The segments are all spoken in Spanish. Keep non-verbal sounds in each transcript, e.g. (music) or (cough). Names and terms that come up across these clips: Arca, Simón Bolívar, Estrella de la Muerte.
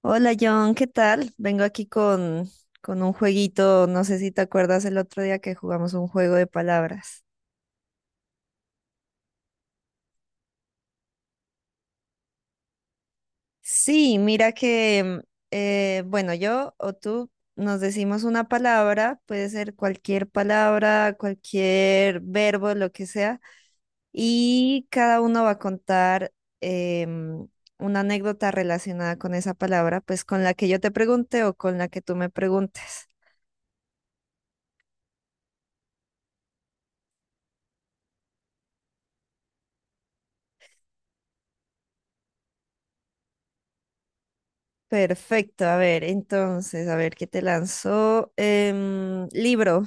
Hola John, ¿qué tal? Vengo aquí con un jueguito, no sé si te acuerdas el otro día que jugamos un juego de palabras. Sí, mira que, bueno, yo o tú nos decimos una palabra, puede ser cualquier palabra, cualquier verbo, lo que sea, y cada uno va a contar em, una anécdota relacionada con esa palabra, pues con la que yo te pregunte o con la que tú me preguntes. Perfecto, a ver, entonces, a ver qué te lanzó. Em, libro,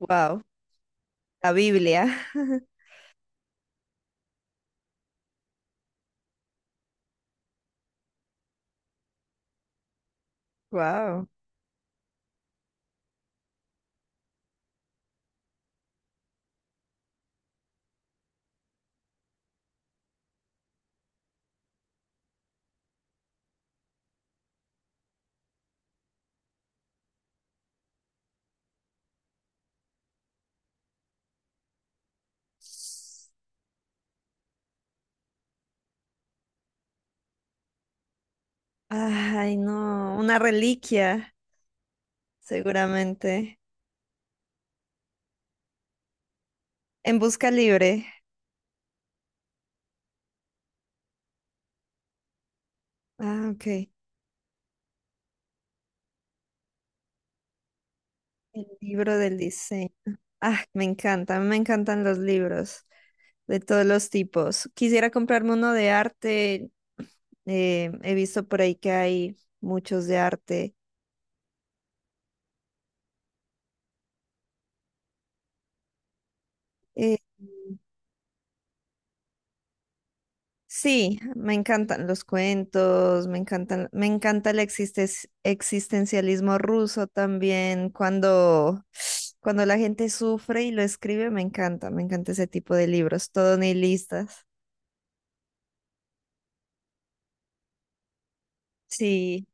wow, la Biblia, (laughs) wow. Ay, no, una reliquia, seguramente. En busca libre. Ah, ok. El libro del diseño. Ah, me encantan los libros de todos los tipos. Quisiera comprarme uno de arte. Eh, he visto por ahí que hay muchos de arte. Eh, Sí, me encantan los cuentos, me encantan, me encanta el existencialismo ruso también, cuando, cuando la gente sufre y lo escribe, me encanta ese tipo de libros, todo nihilistas. Sí,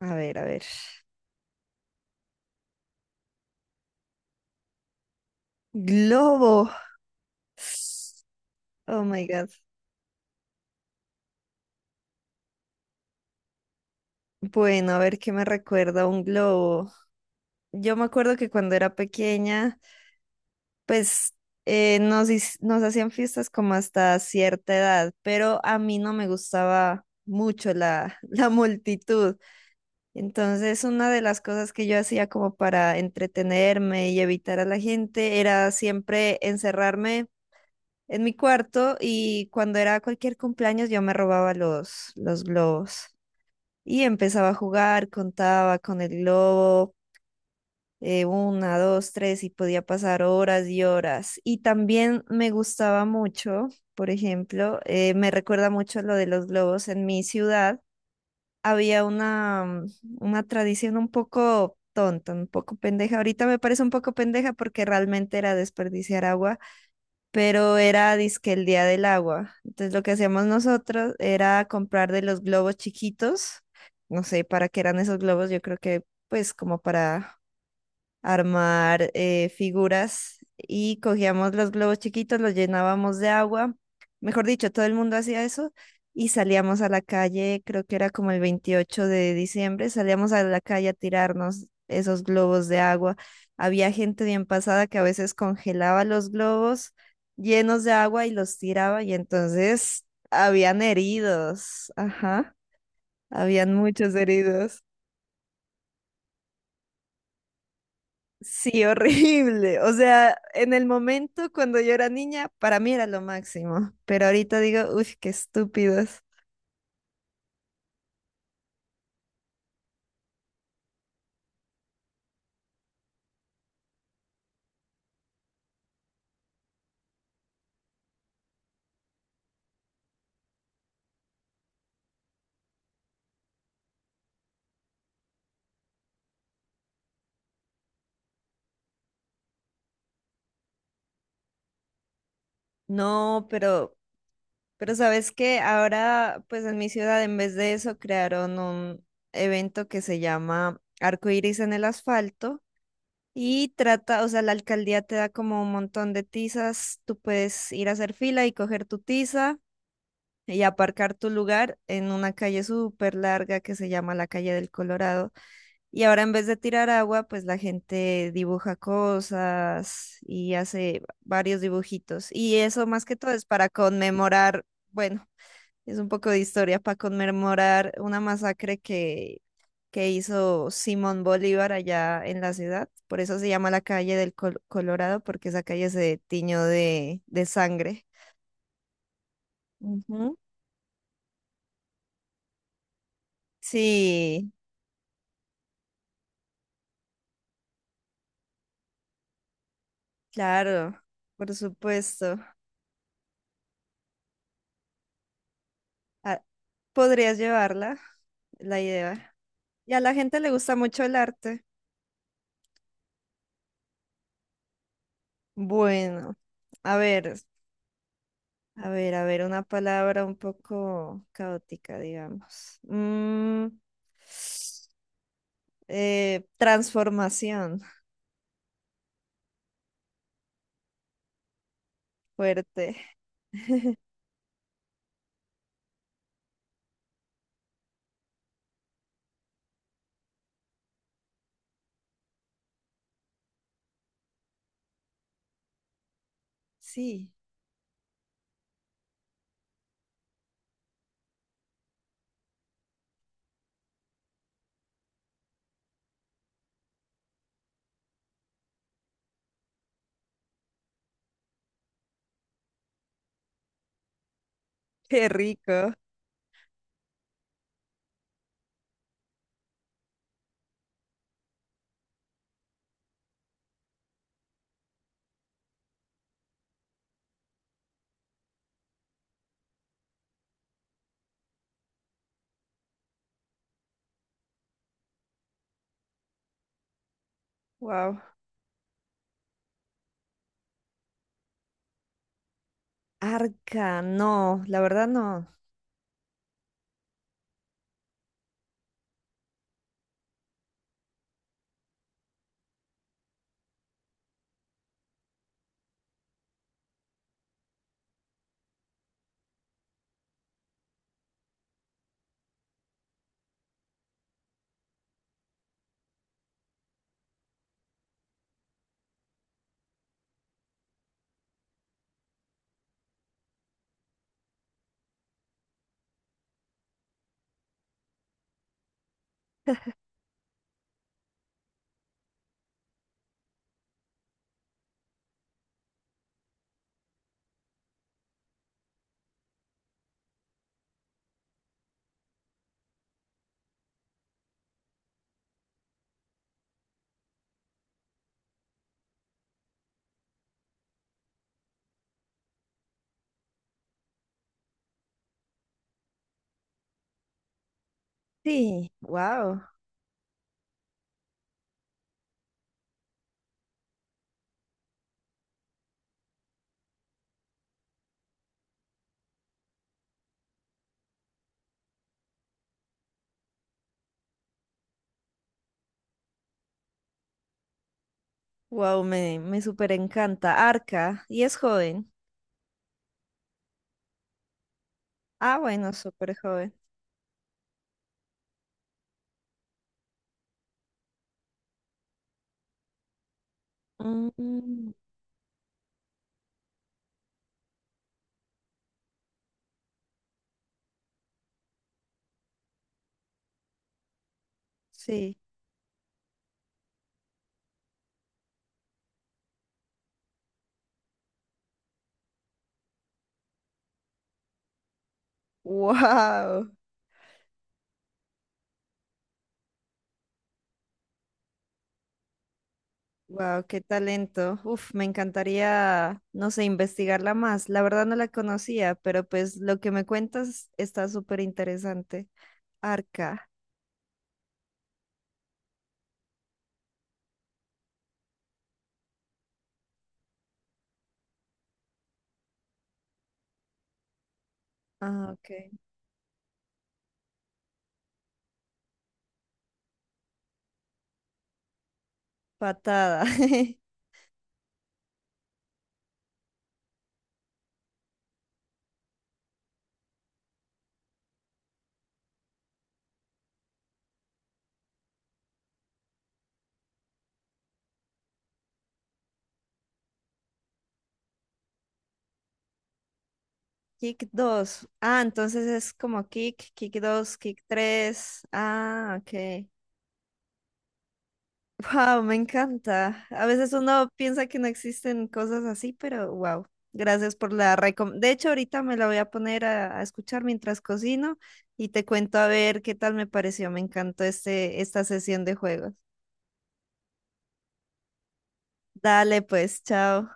a ver, a ver. Globo. Oh my God. Bueno, a ver qué me recuerda un globo. Yo me acuerdo que cuando era pequeña, pues, nos hacían fiestas como hasta cierta edad, pero a mí no me gustaba mucho (laughs) la multitud. Entonces, una de las cosas que yo hacía como para entretenerme y evitar a la gente era siempre encerrarme en mi cuarto, y cuando era cualquier cumpleaños yo me robaba los globos y empezaba a jugar, contaba con el globo una, dos, tres, y podía pasar horas y horas. Y también me gustaba mucho, por ejemplo, me recuerda mucho lo de los globos en mi ciudad. Había una, una tradición un poco tonta, un poco pendeja. Ahorita me parece un poco pendeja porque realmente era desperdiciar agua, pero era dizque el día del agua. Entonces lo que hacíamos nosotros era comprar de los globos chiquitos. No sé para qué eran esos globos, yo creo que pues como para armar figuras, y cogíamos los globos chiquitos, los llenábamos de agua. Mejor dicho, todo el mundo hacía eso y salíamos a la calle, creo que era como el 28 de diciembre, salíamos a la calle a tirarnos esos globos de agua. Había gente bien pasada que a veces congelaba los globos llenos de agua y los tiraba y entonces habían heridos, ajá, habían muchos heridos. Sí, horrible. O sea, en el momento cuando yo era niña, para mí era lo máximo. Pero ahorita digo, uff, qué estúpidos. No, pero ¿sabes qué? Ahora, pues en mi ciudad, en vez de eso, crearon un evento que se llama Arco Iris en el asfalto. Y trata, o sea, la alcaldía te da como un montón de tizas. Tú puedes ir a hacer fila y coger tu tiza y aparcar tu lugar en una calle súper larga que se llama la calle del Colorado. Y ahora en vez de tirar agua, pues la gente dibuja cosas y hace varios dibujitos. Y eso más que todo es para conmemorar, bueno, es un poco de historia, para conmemorar una masacre que hizo Simón Bolívar allá en la ciudad. Por eso se llama la calle del Colorado, porque esa calle se tiñó de sangre. Ujú. Sí, claro, por supuesto. Ah, ¿podrías llevarla, la idea? Y a la gente le gusta mucho el arte. Bueno, a ver, a ver, a ver, una palabra un poco caótica, digamos. Transformación, fuerte. Sí, qué rico. Wow. Arca, no, la verdad no. Sí, wow. Wow, me súper encanta. Arca, y es joven. Ah, bueno, súper joven. Mm, sí. Wow. Wow, qué talento. Uf, me encantaría, no sé, investigarla más. La verdad no la conocía, pero pues lo que me cuentas está súper interesante. Arca. Ah, ok. Patada. (laughs) Kick 2. Ah, entonces es como kick, kick 2, kick 3. Ah, ok. Wow, me encanta. A veces uno piensa que no existen cosas así, pero wow. Gracias por la recomendación. De hecho, ahorita me la voy a poner a escuchar mientras cocino y te cuento a ver qué tal me pareció. Me encantó este, esta sesión de juegos. Dale, pues, chao.